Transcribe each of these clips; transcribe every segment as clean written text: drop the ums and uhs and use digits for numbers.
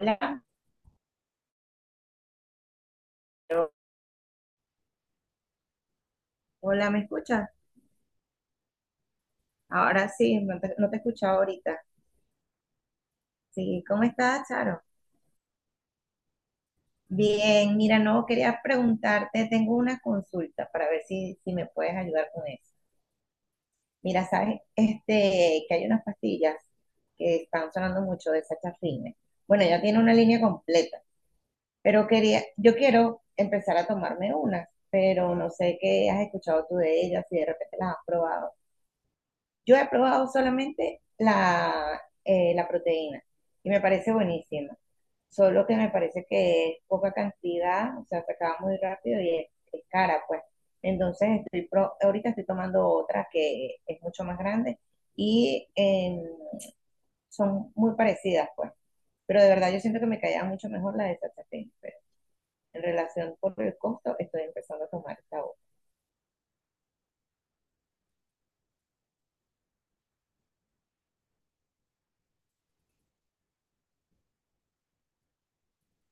Hola, hola, ¿me escuchas? Ahora sí, no te escuchaba ahorita. Sí, ¿cómo estás, Charo? Bien, mira, no quería preguntarte, tengo una consulta para ver si me puedes ayudar con eso. Mira, sabes, que hay unas pastillas que están sonando mucho de Sachafrine. Bueno, ya tiene una línea completa, pero yo quiero empezar a tomarme unas, pero no sé qué has escuchado tú de ellas, si de repente las has probado. Yo he probado solamente la proteína y me parece buenísima. Solo que me parece que es poca cantidad, o sea, se acaba muy rápido y es cara, pues. Entonces, ahorita estoy tomando otra que es mucho más grande y son muy parecidas, pues. Pero de verdad yo siento que me caía mucho mejor la de Sachatén, pero en relación por el costo estoy empezando a tomar esta otra.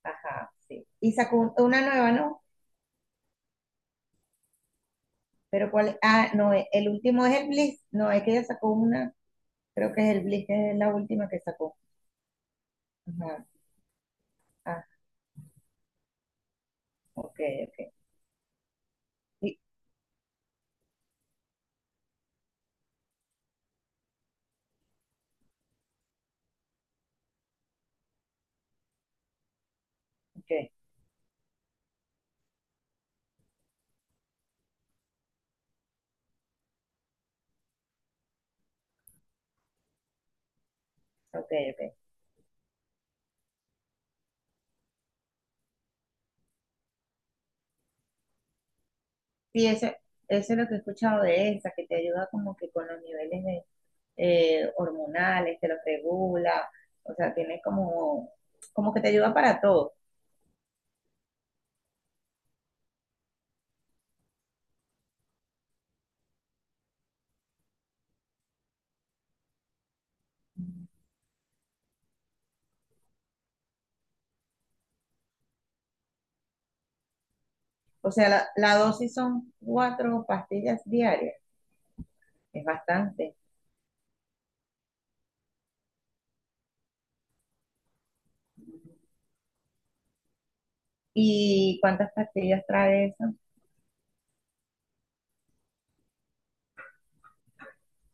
Ajá, sí. Y sacó una nueva, ¿no? Pero cuál, no, el último es el Bliss, no, es que ella sacó una, creo que es el Bliss, que es la última que sacó. Ajá, ah, ok, ok, sí, ok, ok, ok. Sí, eso es lo que he escuchado de esa, que te ayuda como que con los niveles de, hormonales, te los regula, o sea, tiene como que te ayuda para todo. O sea, la dosis son cuatro pastillas diarias, es bastante. ¿Y cuántas pastillas trae eso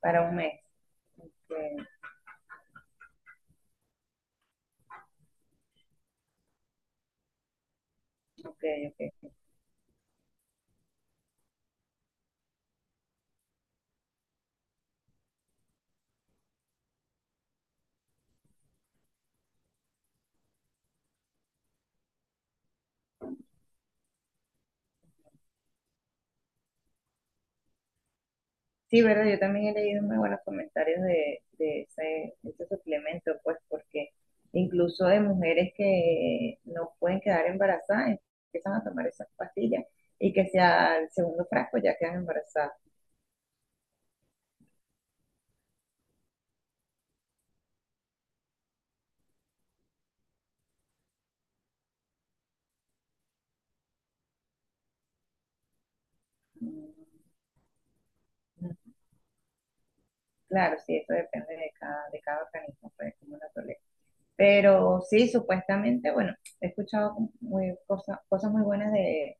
para un mes? Eh, ok, ok. Sí, verdad, yo también he leído muy buenos comentarios de ese suplemento, pues porque incluso de mujeres que no pueden quedar embarazadas, empiezan a tomar esas pastillas y que sea el segundo frasco ya quedan embarazadas. Mm, mm, claro, sí, eso depende de cada organismo, pues como la tolera. Pero sí, supuestamente, bueno, he escuchado cosas muy buenas de,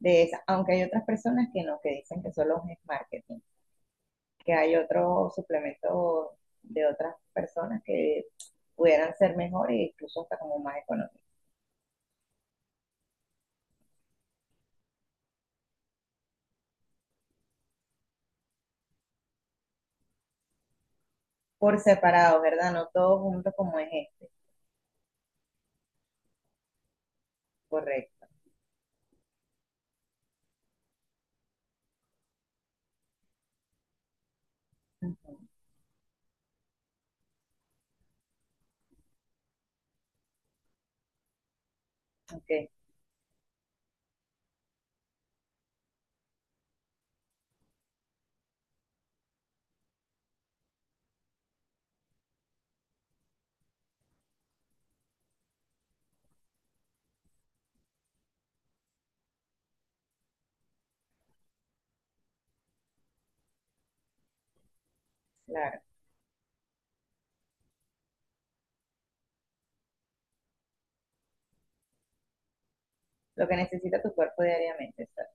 de esas, aunque hay otras personas que no, que dicen que solo es marketing, que hay otros suplementos de otras personas que pudieran ser mejor e incluso hasta como más económicos. Por separado, ¿verdad? No todos juntos como es este, correcto. Uh -huh. Ok, claro. Lo que necesita tu cuerpo diariamente, ¿sabes?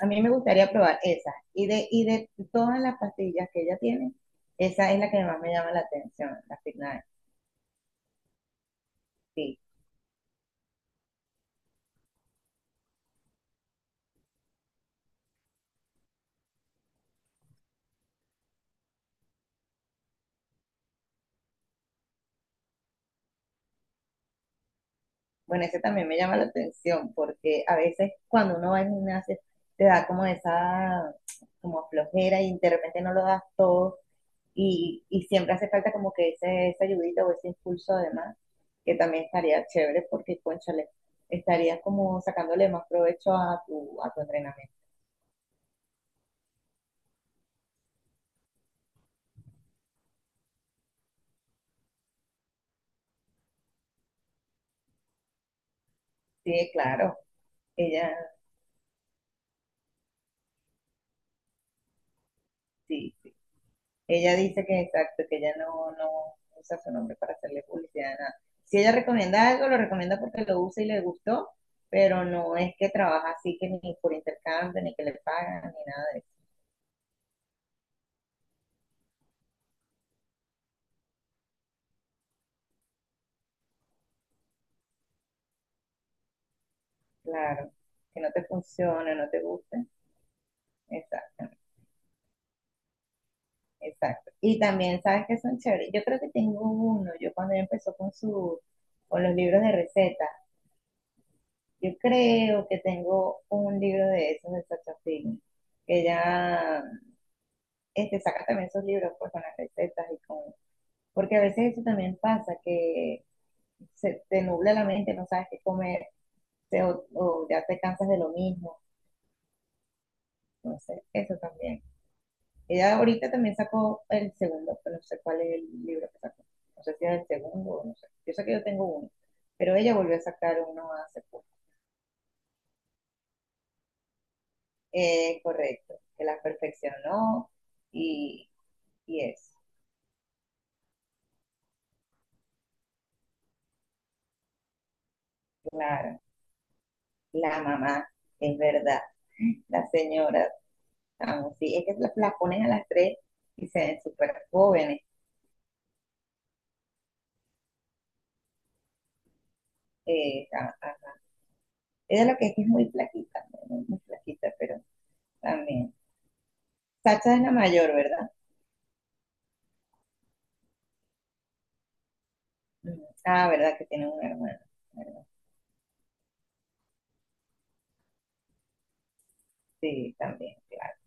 A mí me gustaría probar esas. Y de todas las pastillas que ella tiene, esa es la que más me llama la atención, la Fitness. Sí, bueno, ese también me llama la atención porque a veces cuando uno va al gimnasio te da como esa como flojera y de repente no lo das todo y siempre hace falta como que ese, esa ayudita o ese impulso además, que también estaría chévere porque, cónchale, estarías como sacándole más provecho a tu entrenamiento. Sí, claro, ella sí, ella dice que exacto, que ella no usa su nombre para hacerle publicidad a nada. Si ella recomienda algo, lo recomienda porque lo usa y le gustó, pero no es que trabaja así que ni por intercambio, ni que le pagan, ni nada de eso. Claro, que no te funcione, no te guste. Exacto, exacto. Y también sabes que son chéveres. Yo creo que tengo uno, yo cuando ella empezó con su, con los libros de recetas, yo creo que tengo un libro de esos de Sacha Film. Ella, sacas también esos libros pues, con las recetas y con. Porque a veces eso también pasa, que se te nubla la mente, no sabes qué comer, o ya te cansas de lo mismo, no sé, eso también. Ella ahorita también sacó el segundo, pero no sé cuál es el libro que sacó, no sé si es el segundo o no sé, yo sé que yo tengo uno, pero ella volvió a sacar uno hace poco. Correcto, que la perfeccionó y, y eso, claro, la mamá, es verdad, la señora. Ah, sí, es que las ponen a las tres y se ven súper jóvenes. Ah, ah. Ella lo que es muy flaquita, ¿no? Muy, muy flaquita, pero también. Sacha es la mayor, ¿verdad? Mm. Ah, ¿verdad? Que tiene una hermana. Bueno, sí, también, claro.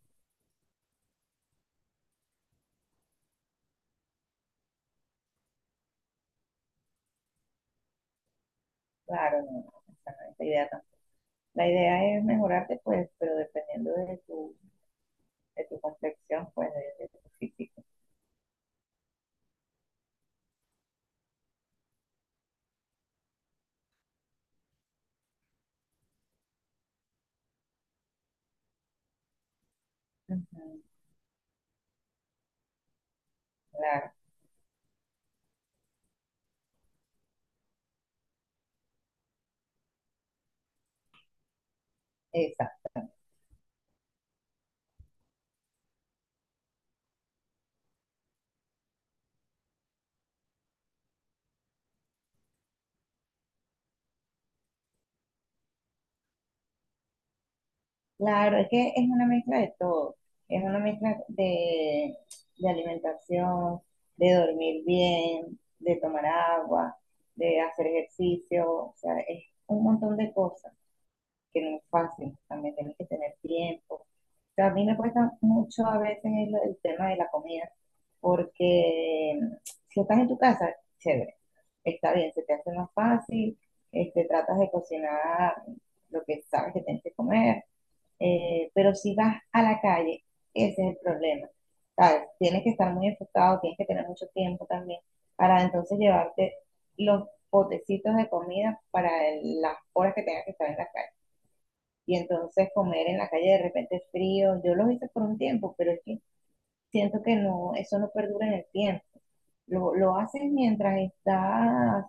Claro, no, no, no, esa no es la idea tampoco. La idea es mejorarte, pues, pero dependiendo de tu complexión, pues, de tu físico. Ujú, claro, exacto. Claro, es que es una mezcla de todo. Es una mezcla de alimentación, de dormir bien, de tomar agua, de hacer ejercicio. O sea, es un montón de cosas que no es fácil. También tienes que tener tiempo. O sea, a mí me cuesta mucho a veces el tema de la comida, porque si estás en tu casa, chévere, está bien, se te hace más fácil, tratas de cocinar lo que sabes que tienes que comer, pero si vas a la calle, ese es el problema. ¿Sabes? Tienes que estar muy enfocado, tienes que tener mucho tiempo también para entonces llevarte los potecitos de comida para las horas que tengas que estar en la calle. Y entonces comer en la calle de repente es frío. Yo lo hice por un tiempo, pero es que siento que no, eso no perdura en el tiempo. Lo haces mientras estás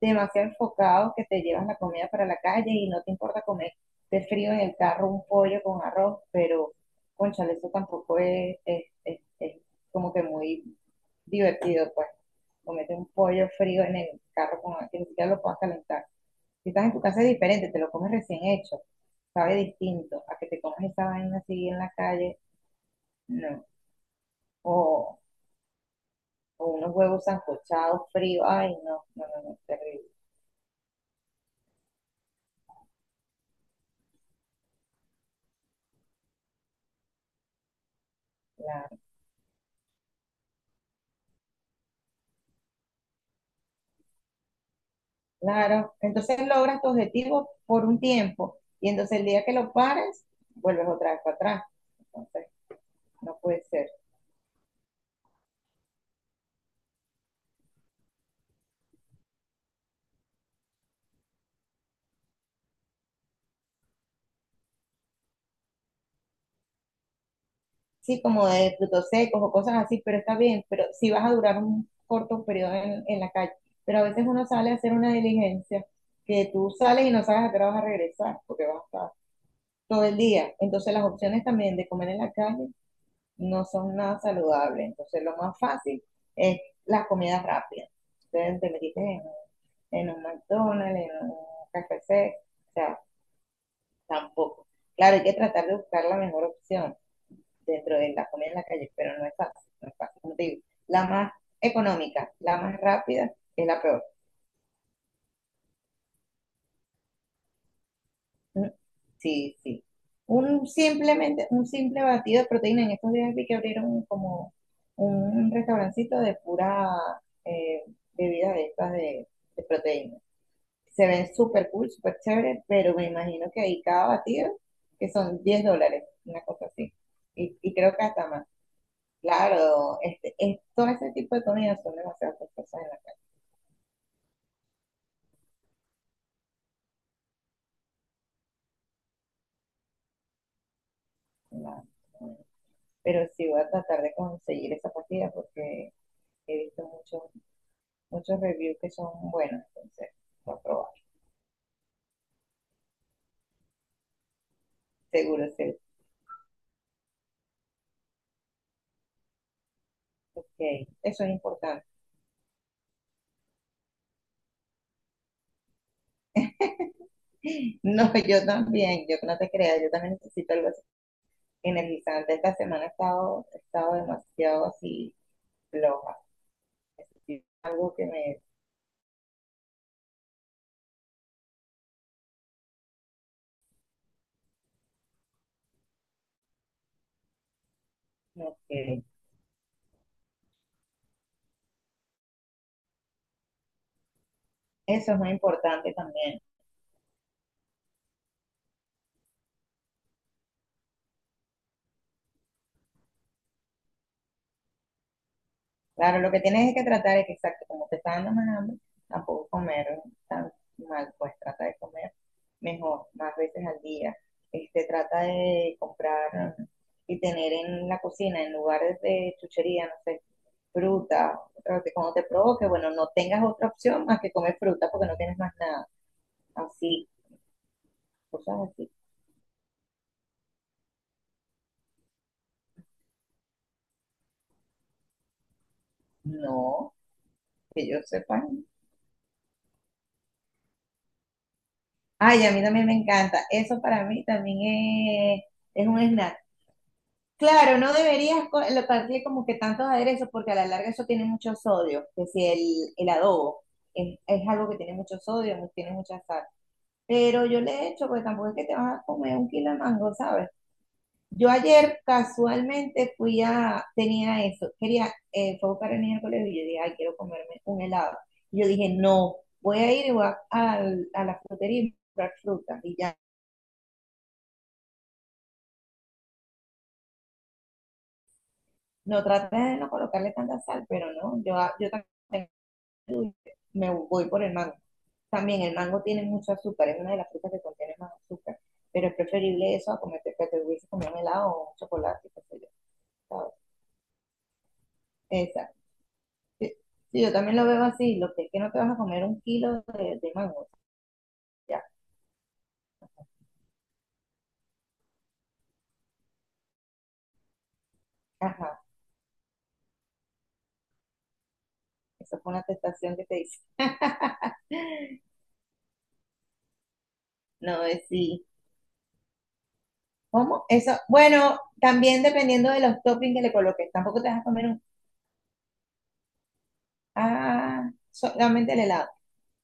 demasiado enfocados que te llevas la comida para la calle y no te importa comer de frío en el carro un pollo con arroz, pero cónchale, eso tampoco es como que muy divertido, pues. Comete un pollo frío en el carro con, que ni siquiera lo puedas calentar. Si estás en tu casa es diferente, te lo comes recién hecho, sabe distinto a que te comes esa vaina así en la calle, no. O, o unos huevos sancochados fríos, ay, no, no, no, no, terrible. La- Claro, entonces logras tu objetivo por un tiempo y entonces el día que lo pares, vuelves otra vez para atrás. Entonces, no puede ser. Sí, como de frutos secos o cosas así, pero está bien, pero si vas a durar un corto periodo en la calle. Pero a veces uno sale a hacer una diligencia que tú sales y no sabes a qué hora vas a regresar porque vas a estar todo el día. Entonces las opciones también de comer en la calle no son nada saludables. Entonces lo más fácil es las comidas rápidas. Entonces te metiste en un McDonald's, en un KFC, o sea, tampoco. Claro, hay que tratar de buscar la mejor opción dentro de la comida en la calle, pero no es fácil, no es fácil. Como te digo, la más económica, la más rápida, es la peor. Mm, sí, sí. Un simple batido de proteína. En estos días vi que abrieron como un restaurancito de pura, eh, bebida de estas de proteína. Se ven súper cool, súper chévere, pero me imagino que ahí cada batido, que son $10, una cosa así. Y creo que hasta más. Claro, todo ese tipo de comidas son demasiadas cosas en la calle. en la- en la- pero sí voy a tratar de conseguir esa partida porque he visto muchos reviews que son buenos, entonces voy a probar. Seguro, seguro. Ok, eso es importante. No, yo también, yo no te creas, yo también necesito algo energizante. Esta semana he estado demasiado así floja. Es decir, algo que me, como que eso es muy importante también. Claro, lo que tienes es que tratar es que, exacto, como te está dando más hambre, tampoco comer tan mal, pues trata de comer mejor, más veces al día. Trata de comprar y tener en la cocina, en lugares de chuchería, no sé, fruta, pero que cuando te provoque, bueno, no tengas otra opción más que comer fruta porque no tienes más nada. Así cosas así. No, que yo sepa, ¿no? Ay, a mí también me encanta. Eso para mí también es un snack. Claro, no deberías darle como que tantos aderezos porque a la larga eso tiene mucho sodio, que si el adobo es algo que tiene mucho sodio, tiene mucha sal. Pero yo le he hecho, porque tampoco es que te vas a comer un kilo de mango, ¿sabes? Yo ayer casualmente fui a, tenía eso, quería, fue a buscar al niño al colegio y yo dije, ay, quiero comerme un helado. Y yo dije, no, voy a ir y a la frutería y comprar fruta. Y ya, no traté de no colocarle tanta sal, pero no, yo también me voy por el mango. También el mango tiene mucho azúcar, es una de las frutas que contiene más azúcar, pero es preferible eso a comerte que te hubiese comido un helado o un chocolate, qué sé yo, ¿sabes? Esa. Sí, sí, yo también lo veo así, lo que es que no te vas a comer un kilo de mango, ya, ajá, eso fue una tentación que te hice. No, es sí. ¿Cómo? Eso, bueno, también dependiendo de los toppings que le coloques, tampoco te vas a comer un, ah, solamente el helado.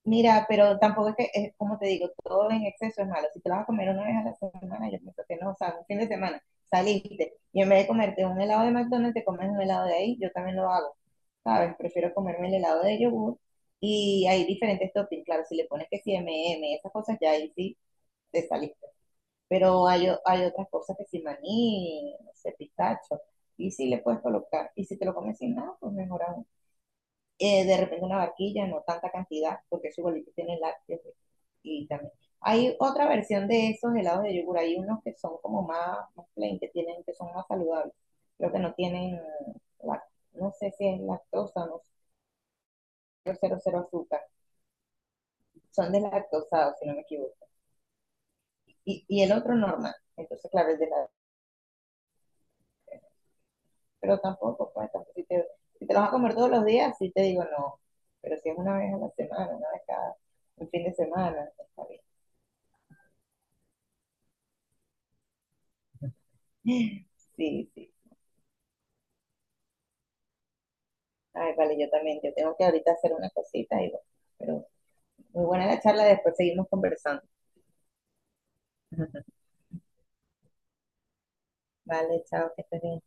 Mira, pero tampoco es que, es, como te digo, todo en exceso es malo. Si te lo vas a comer una vez a la semana, yo pienso que no, o sea, un fin de semana, saliste y en vez de comerte un helado de McDonald's, te comes un helado de ahí, yo también lo hago. ¿Sabes? Prefiero comerme el helado de yogur y hay diferentes toppings, claro, si le pones que si M&M's, esas cosas ya ahí sí te saliste. Pero hay, hay otras cosas que si maní, no sé, pistacho, y si le puedes colocar, y si te lo comes sin nada, pues mejor aún. De repente una barquilla, no tanta cantidad, porque eso igualito tiene lácteos y también. Hay otra versión de esos helados de yogur, hay unos que son como más, más plain, que tienen, que son más saludables, pero que no tienen, lac- no sé si es lactosa, no cero cero azúcar, son deslactosados, si no me equivoco. Y el otro normal. Entonces, claro, el de la. Pero tampoco, pues, tampoco, si te lo vas a comer todos los días, sí te digo no. Pero si es una vez a la semana, una vez cada un fin de semana, está bien. Sí, sí. Ay, vale, yo también. Yo tengo que ahorita hacer una cosita y bueno, pero muy buena la charla, después seguimos conversando. Vale, chao, que estés bien.